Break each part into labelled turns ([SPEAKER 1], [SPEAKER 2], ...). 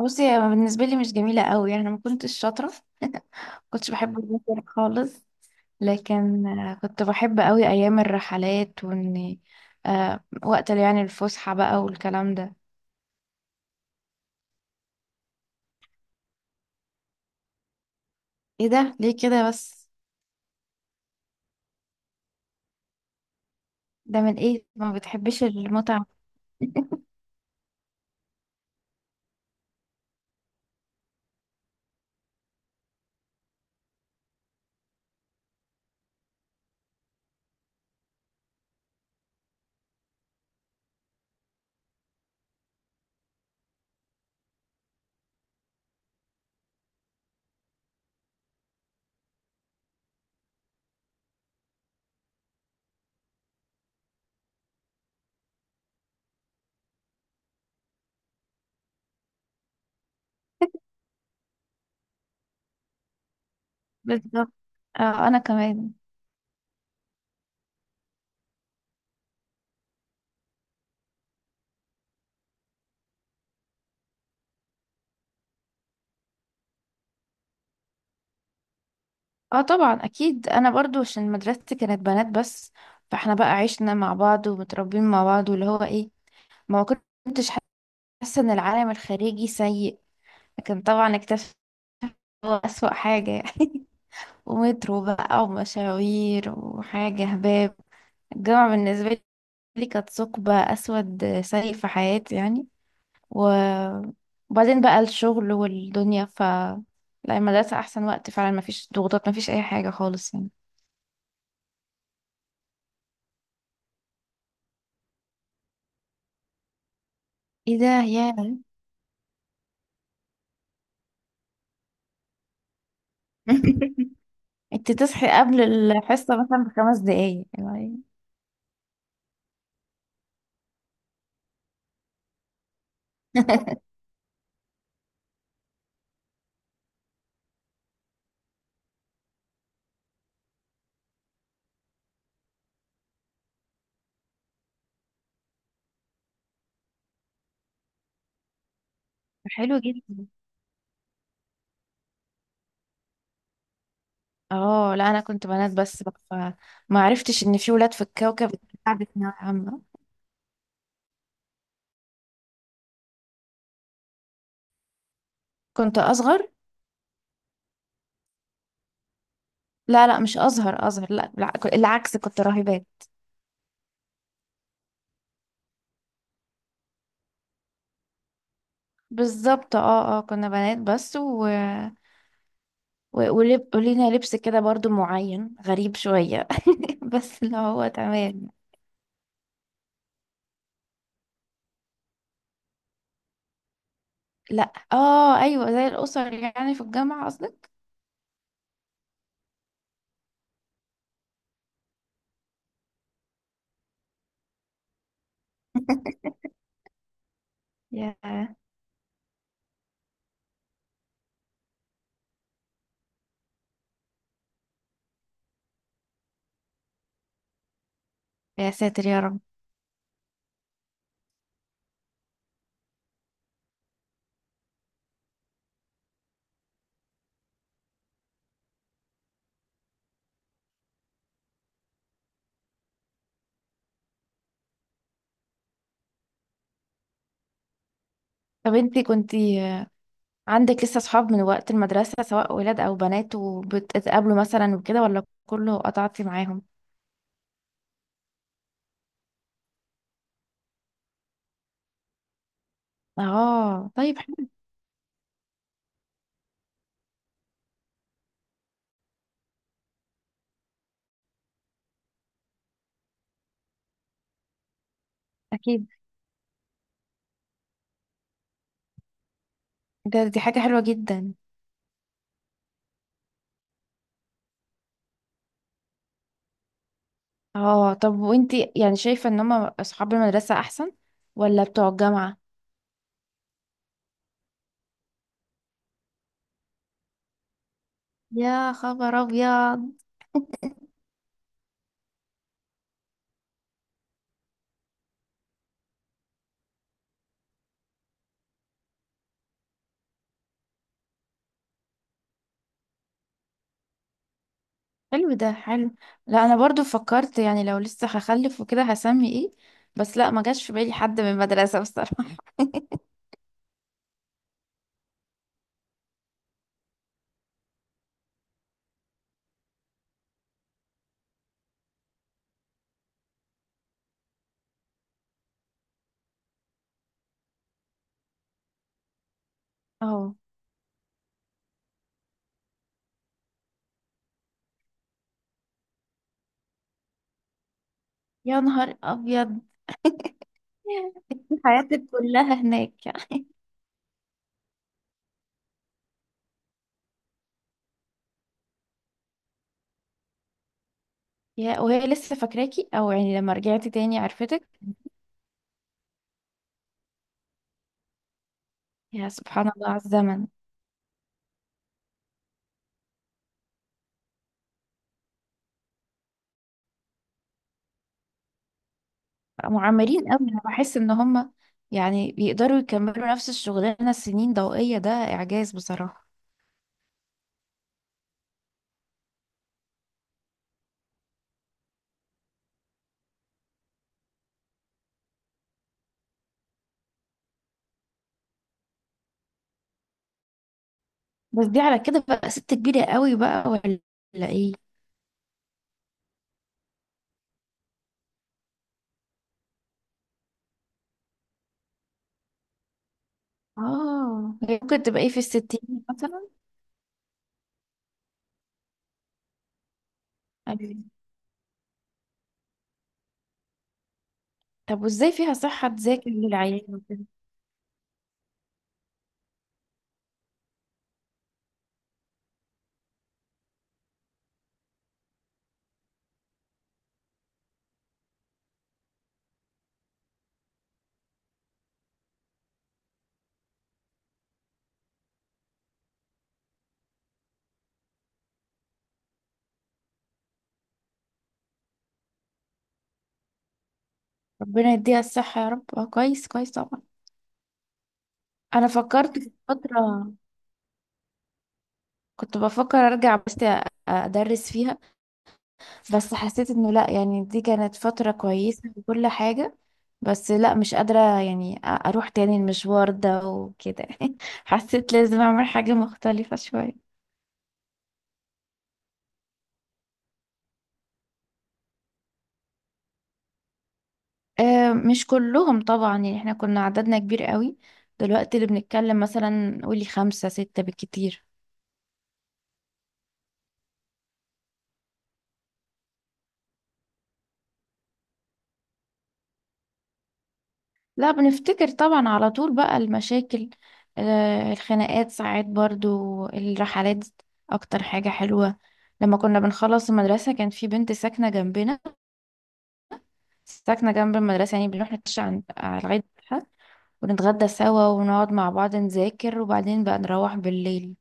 [SPEAKER 1] بصي، هي بالنسبة لي مش جميلة قوي. يعني أنا ما كنتش شاطرة، كنتش بحب المذاكرة خالص. لكن كنت بحب قوي أيام الرحلات، وإني وقت اللي يعني الفسحة بقى والكلام ده. ايه ده ليه كده بس؟ ده من ايه، ما بتحبش المتعة؟ بالظبط. آه، أنا كمان. اه، طبعا أكيد. أنا برضو عشان مدرستي كانت بنات بس، فاحنا بقى عشنا مع بعض ومتربيين مع بعض واللي هو ايه، ما كنتش حاسة إن العالم الخارجي سيء. لكن طبعا اكتشفت أسوأ حاجة يعني. ومترو بقى ومشاوير وحاجة هباب. الجامعة بالنسبة لي كانت ثقب أسود سيء في حياتي يعني. و- وبعدين بقى الشغل والدنيا، ف لا، المدرسة أحسن وقت فعلا. مفيش ضغوطات، مفيش أي حاجة خالص يعني. ايه ده يا؟ انت تصحي قبل الحصة مثلا بـ 5 دقايق يعني؟ حلو جدا. اه لا، انا كنت بنات بس بقى، فما عرفتش ان في ولاد في الكوكب. بتاع ثانوية عامة. كنت اصغر. لا لا، مش اصغر اصغر، لا لا، العكس، كنت راهبات. بالظبط، اه اه، كنا بنات بس. و... و... ولينا لبس كده برضو معين غريب شوية. بس اللي هو تمام. لا، اه ايوه، زي الاسر يعني، في الجامعة قصدك؟ يا يا ساتر يا رب. طب انتي كنتي عندك لسه صحاب من وقت المدرسة، سواء ولاد او بنات، وبتتقابلوا مثلا وكده، ولا كله قطعتي معاهم؟ اه طيب حلو. اكيد، ده دي حاجة حلوة جدا. اه، طب وانتي يعني شايفة ان هما اصحاب المدرسة احسن ولا بتوع الجامعة؟ يا خبر ابيض. حلو، ده حلو. لا، انا برضو فكرت يعني لو لسه هخلف وكده هسمي ايه، بس لا، ما جاش في بالي حد من المدرسة بصراحة. اه. يا نهار ابيض. إنتي حياتك كلها هناك. يا، وهي لسه فاكراكي، او يعني لما رجعتي تاني عرفتك؟ يا سبحان الله على الزمن. معمرين قوي، انا بحس ان هم يعني بيقدروا يكملوا نفس الشغلانه سنين ضوئيه، ده اعجاز بصراحه. بس دي على كده بقى ست كبيره قوي بقى، ولا ولا ايه؟ اه، هي ممكن تبقى ايه، في الستين مثلا. أيوة. طب وازاي فيها صحه تذاكر للعيال وكده؟ ربنا يديها الصحه يا رب. اه كويس، كويس طبعا. انا فكرت في فتره، كنت بفكر ارجع بس ادرس فيها، بس حسيت انه لا، يعني دي كانت فترة كويسة وكل حاجة، بس لا مش قادرة يعني اروح تاني المشوار ده وكده. حسيت لازم اعمل حاجة مختلفة شوية. مش كلهم طبعا، يعني احنا كنا عددنا كبير قوي، دلوقتي اللي بنتكلم مثلا قولي 5 6 بالكتير. لا، بنفتكر طبعا على طول بقى المشاكل، الخناقات ساعات، برضو الرحلات اكتر حاجة حلوة. لما كنا بنخلص المدرسة كان في بنت ساكنة جنبنا، ساكنة جنب المدرسة، يعني بنروح نتمشى على لغاية بيتها، ونتغدى سوا، ونقعد مع بعض نذاكر، وبعدين بقى نروح بالليل.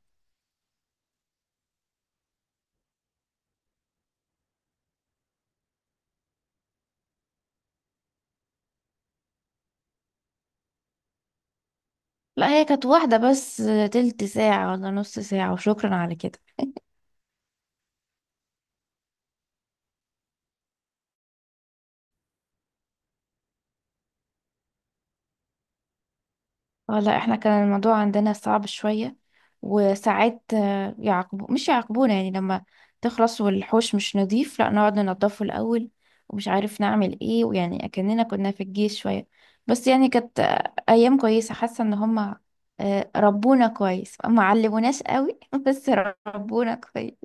[SPEAKER 1] لا هي كانت واحدة بس، تلت ساعة ولا نص ساعة وشكرا على كده. اه لا، احنا كان الموضوع عندنا صعب شوية، وساعات مش يعاقبونا يعني، لما تخلص والحوش مش نظيف، لا نقعد ننضفه الأول ومش عارف نعمل ايه، ويعني أكننا كنا في الجيش شوية. بس يعني كانت أيام كويسة، حاسة ان هما ربونا كويس، ما علموناش قوي. بس ربونا كويس.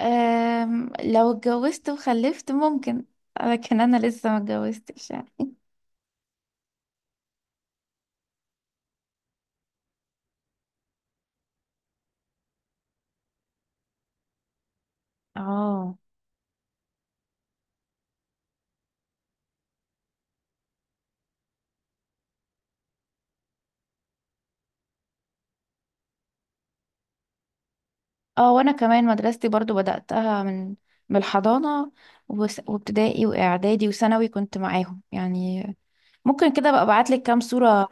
[SPEAKER 1] لو اتجوزت وخلفت ممكن، لكن انا لسه ما اتجوزتش يعني. اه اه وانا كمان مدرستي برضو بدأتها من من الحضانة وابتدائي واعدادي وثانوي كنت معاهم يعني. ممكن كده بقى ابعت لك كام صورة؟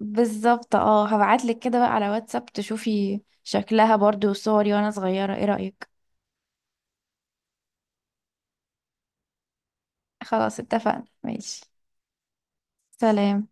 [SPEAKER 1] بالظبط، اه، هبعت لك كده بقى على واتساب تشوفي شكلها برضو وصوري وانا صغيرة، ايه رأيك؟ خلاص اتفقنا، ماشي. سلام.